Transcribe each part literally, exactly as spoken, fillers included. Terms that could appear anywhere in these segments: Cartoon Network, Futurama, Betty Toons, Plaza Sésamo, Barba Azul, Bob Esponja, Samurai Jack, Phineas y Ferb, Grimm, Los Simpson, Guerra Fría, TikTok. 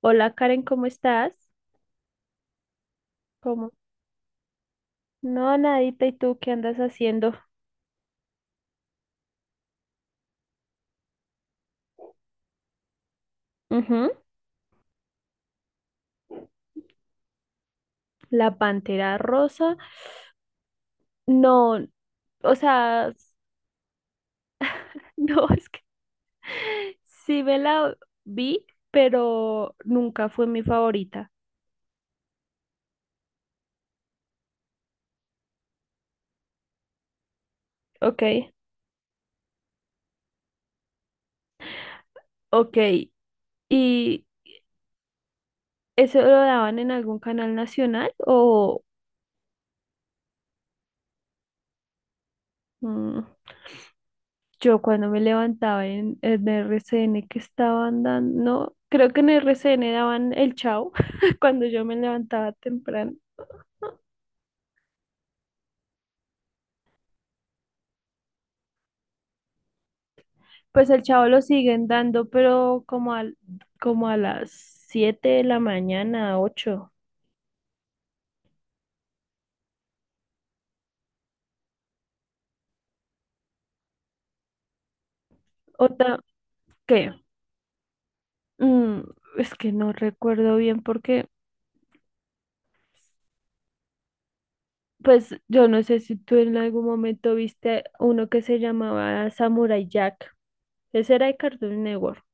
Hola Karen, ¿cómo estás? ¿Cómo? No, nadita, ¿y tú qué andas haciendo? Ujú. La pantera rosa. No, o sea, s- no, es que sí me la vi, pero nunca fue mi favorita. Ok, ok. ¿Y eso lo daban en algún canal nacional o...? Mm. Yo cuando me levantaba en, en R C N que estaban dando, no, creo que en R C N daban el Chavo cuando yo me levantaba temprano. Pues el Chavo lo siguen dando, pero como al, como a las siete de la mañana, ocho. O ta- ¿qué? Mm, es que no recuerdo bien porque, pues yo no sé si tú en algún momento viste uno que se llamaba Samurai Jack. Ese era de Cartoon Network.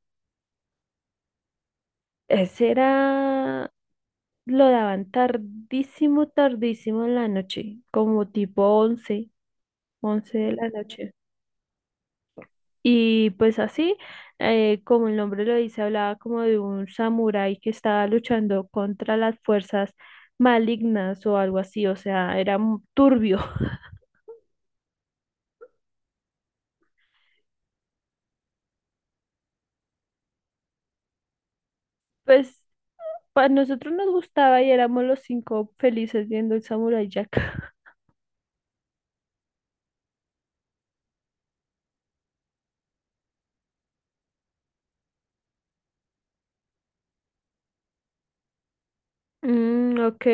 Ese era Lo daban tardísimo, tardísimo en la noche, como tipo once, once de la noche. Y pues así, eh, como el nombre lo dice, hablaba como de un samurái que estaba luchando contra las fuerzas malignas o algo así, o sea, era mu- turbio. Pues a nosotros nos gustaba y éramos los cinco felices viendo el Samurai Jack. Mm, ok.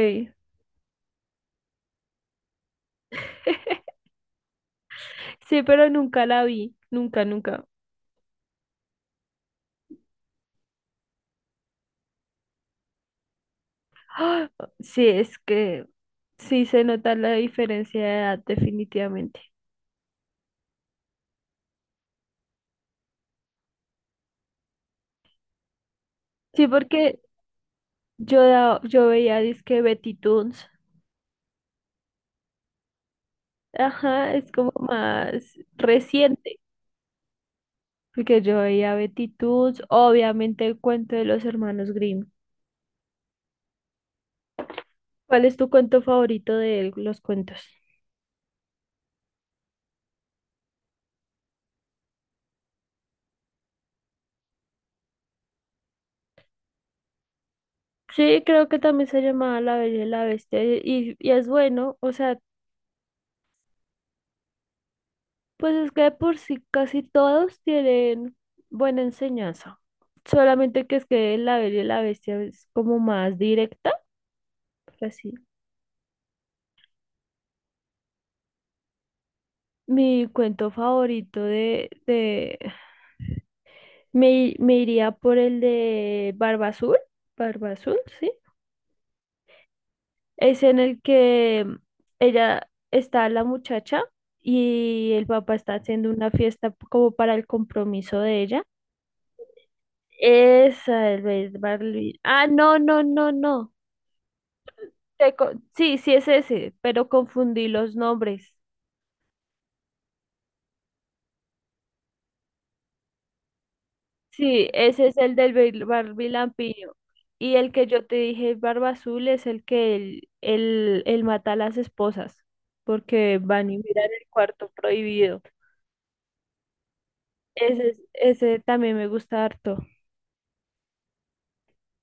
Sí, pero nunca la vi, nunca, nunca. ¡Ah! Sí, es que sí se nota la diferencia de edad definitivamente. Sí, porque yo, da- yo veía disque Betty Toons. Ajá, es como más reciente, porque yo veía Betty Toons, obviamente el cuento de los hermanos Grimm. ¿Cuál es tu cuento favorito de los cuentos? Sí, creo que también se llamaba La Bella y la Bestia y, y es bueno, o sea. Pues es que de por sí casi todos tienen buena enseñanza. Solamente que es que La Bella y la Bestia es como más directa, por así. Mi cuento favorito de, de me, me iría por el de Barba Azul. Barba Azul, sí. Es en el que ella está la muchacha y el papá está haciendo una fiesta como para el compromiso de ella. Esa es Barley. Ah, no, no, no, no. te co- sí, sí es ese, pero confundí los nombres. Sí, ese es el del bil- barbilampiño. Y el que yo te dije, Barba Azul, es el que él, él, él mata a las esposas, porque van y miran el cuarto prohibido. Ese, es- ese también me gusta harto.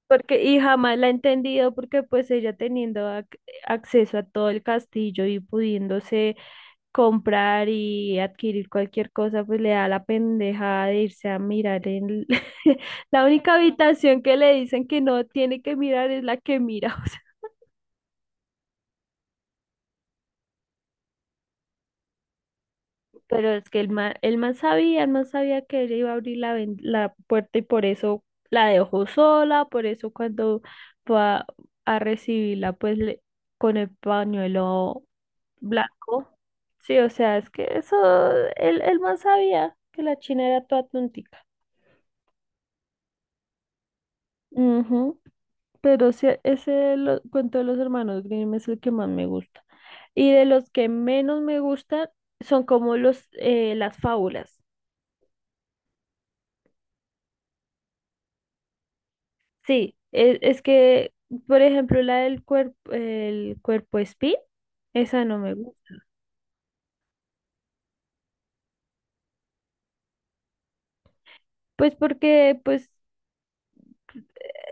Porque, y jamás la he entendido porque pues ella teniendo ac- acceso a todo el castillo y pudiéndose comprar y adquirir cualquier cosa, pues le da la pendeja de irse a mirar en el- la única habitación que le dicen que no tiene que mirar es la que mira. O sea, pero es que el man, el man sabía, el man sabía que él iba a abrir la, ven- la puerta y por eso la dejó sola, por eso cuando fue a, a recibirla, pues le- con el pañuelo blanco. Sí, o sea, es que eso, el, el man sabía que la china era toda tontica. Ujú. Pero sí, ese lo- cuento de los hermanos Grimm es el que más me gusta. Y de los que menos me gustan son como los, eh, las fábulas. Sí, e- es, que, por ejemplo, la del cuerpo, el cuerpo espí, esa no me gusta. Pues porque, pues,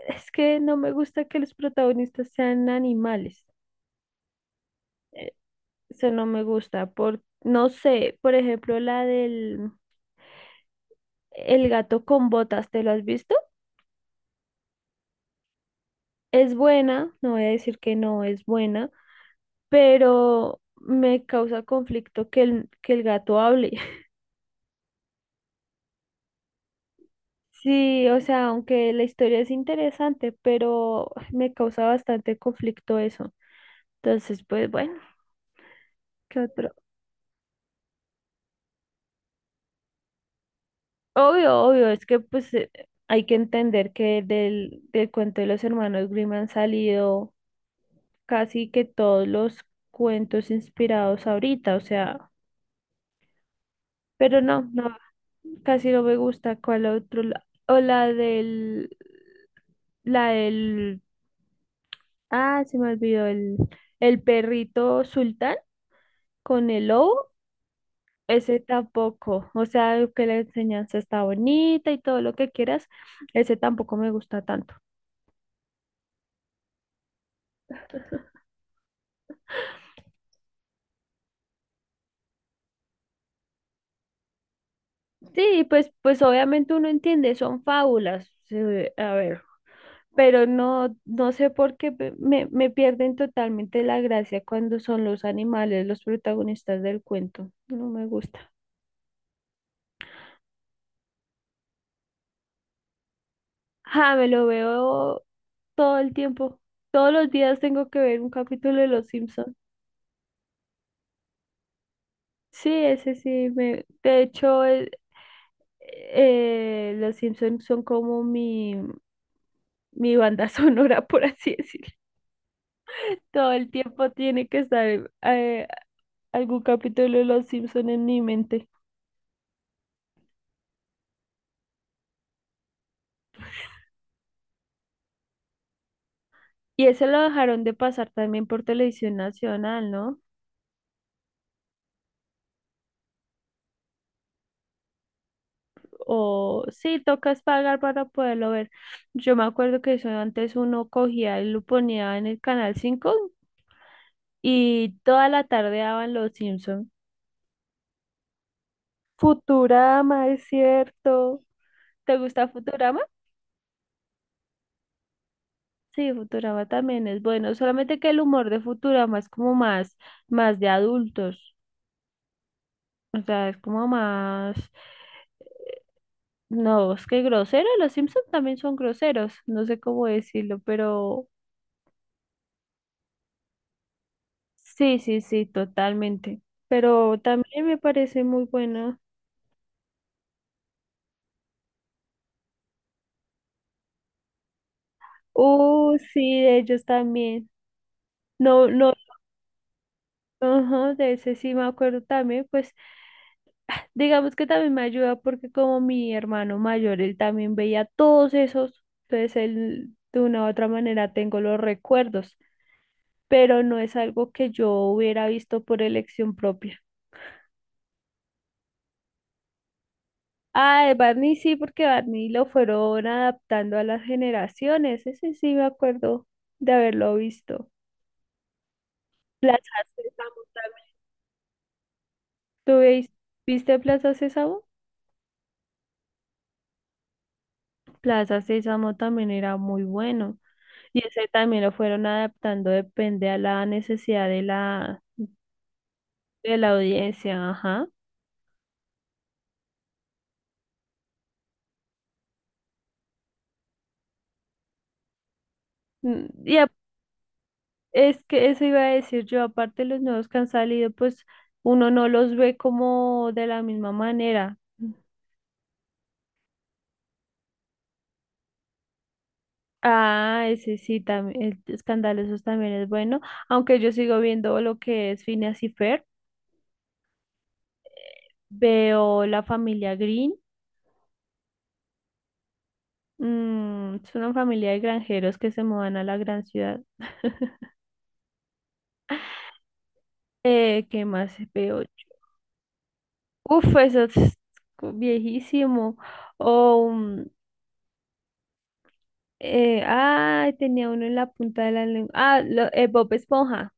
es que no me gusta que los protagonistas sean animales. Eso no me gusta. Por, no sé, por ejemplo, la del el gato con botas, ¿te lo has visto? Es buena, no voy a decir que no es buena, pero me causa conflicto que el, que el gato hable. Sí, o sea, aunque la historia es interesante, pero me causa bastante conflicto eso. Entonces, pues bueno, ¿qué otro? Obvio, obvio, es que pues eh, hay que entender que del, del cuento de los hermanos Grimm han salido casi que todos los cuentos inspirados ahorita, o sea. Pero no, no, casi no me gusta. ¿Cuál otro? la- O la del, la del, ah, se me olvidó, el, el perrito sultán con el lobo. Ese tampoco, o sea, que la enseñanza está bonita y todo lo que quieras, ese tampoco me gusta tanto. Sí, pues, pues obviamente uno entiende, son fábulas. eh, a ver. Pero no, no sé por qué pe- me, me pierden totalmente la gracia cuando son los animales los protagonistas del cuento. No me gusta. Ah, me lo veo todo el tiempo. Todos los días tengo que ver un capítulo de Los Simpson. Sí, ese sí. Me... De hecho, el- eh, Los Simpson son como mi, mi banda sonora, por así decirlo. Todo el tiempo tiene que estar eh, algún capítulo de Los Simpson en mi mente. Y ese lo dejaron de pasar también por televisión nacional, ¿no? O sí, tocas pagar para poderlo ver. Yo me acuerdo que eso antes uno cogía y lo ponía en el canal cinco y toda la tarde daban Los Simpson. Futurama, es cierto. ¿Te gusta Futurama? Sí, Futurama también es bueno, solamente que el humor de Futurama es como más, más de adultos. O sea, es como más. No, es que grosero, los Simpsons también son groseros, no sé cómo decirlo, pero sí, sí, sí, totalmente. Pero también me parece muy bueno. Uh, sí, de ellos también. No, no, ajá, de ese sí me acuerdo también, pues digamos que también me ayuda porque como mi hermano mayor, él también veía todos esos, entonces él de una u otra manera tengo los recuerdos, pero no es algo que yo hubiera visto por elección propia. Ah, de Barney sí, porque Barney lo fueron adaptando a las generaciones. Ese sí me acuerdo de haberlo visto. Plaza Sésamo también. ¿Tú veis- ¿Viste Plaza Sésamo? Plaza Sésamo también era muy bueno. Y ese también lo fueron adaptando, depende a la necesidad de la, de la audiencia. Ajá. Mm. Y a- es que eso iba a decir yo, aparte los nuevos que han salido, pues uno no los ve como de la misma manera. Ah, ese sí, también, Escandalosos también es bueno, aunque yo sigo viendo lo que es Phineas y Ferb, veo la familia Green, mm, es una familia de granjeros que se mudan a la gran ciudad. Eh, ¿qué más veo yo? Uf, eso es co- viejísimo. O, mm, eh, ay, tenía uno en la punta de la lengua. Ah, lo- eh, Bob Esponja,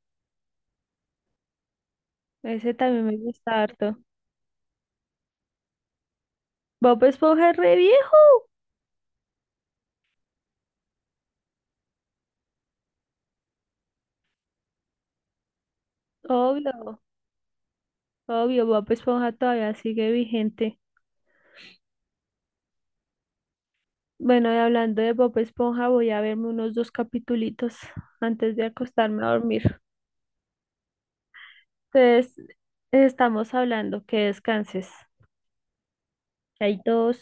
ese también me gusta harto. Bob Esponja es re viejo, obvio. Obvio, Bob Esponja todavía sigue vigente. Bueno, y hablando de Bob Esponja, voy a verme unos dos capitulitos antes de acostarme a dormir. Entonces, estamos hablando, que descanses. Chaitos.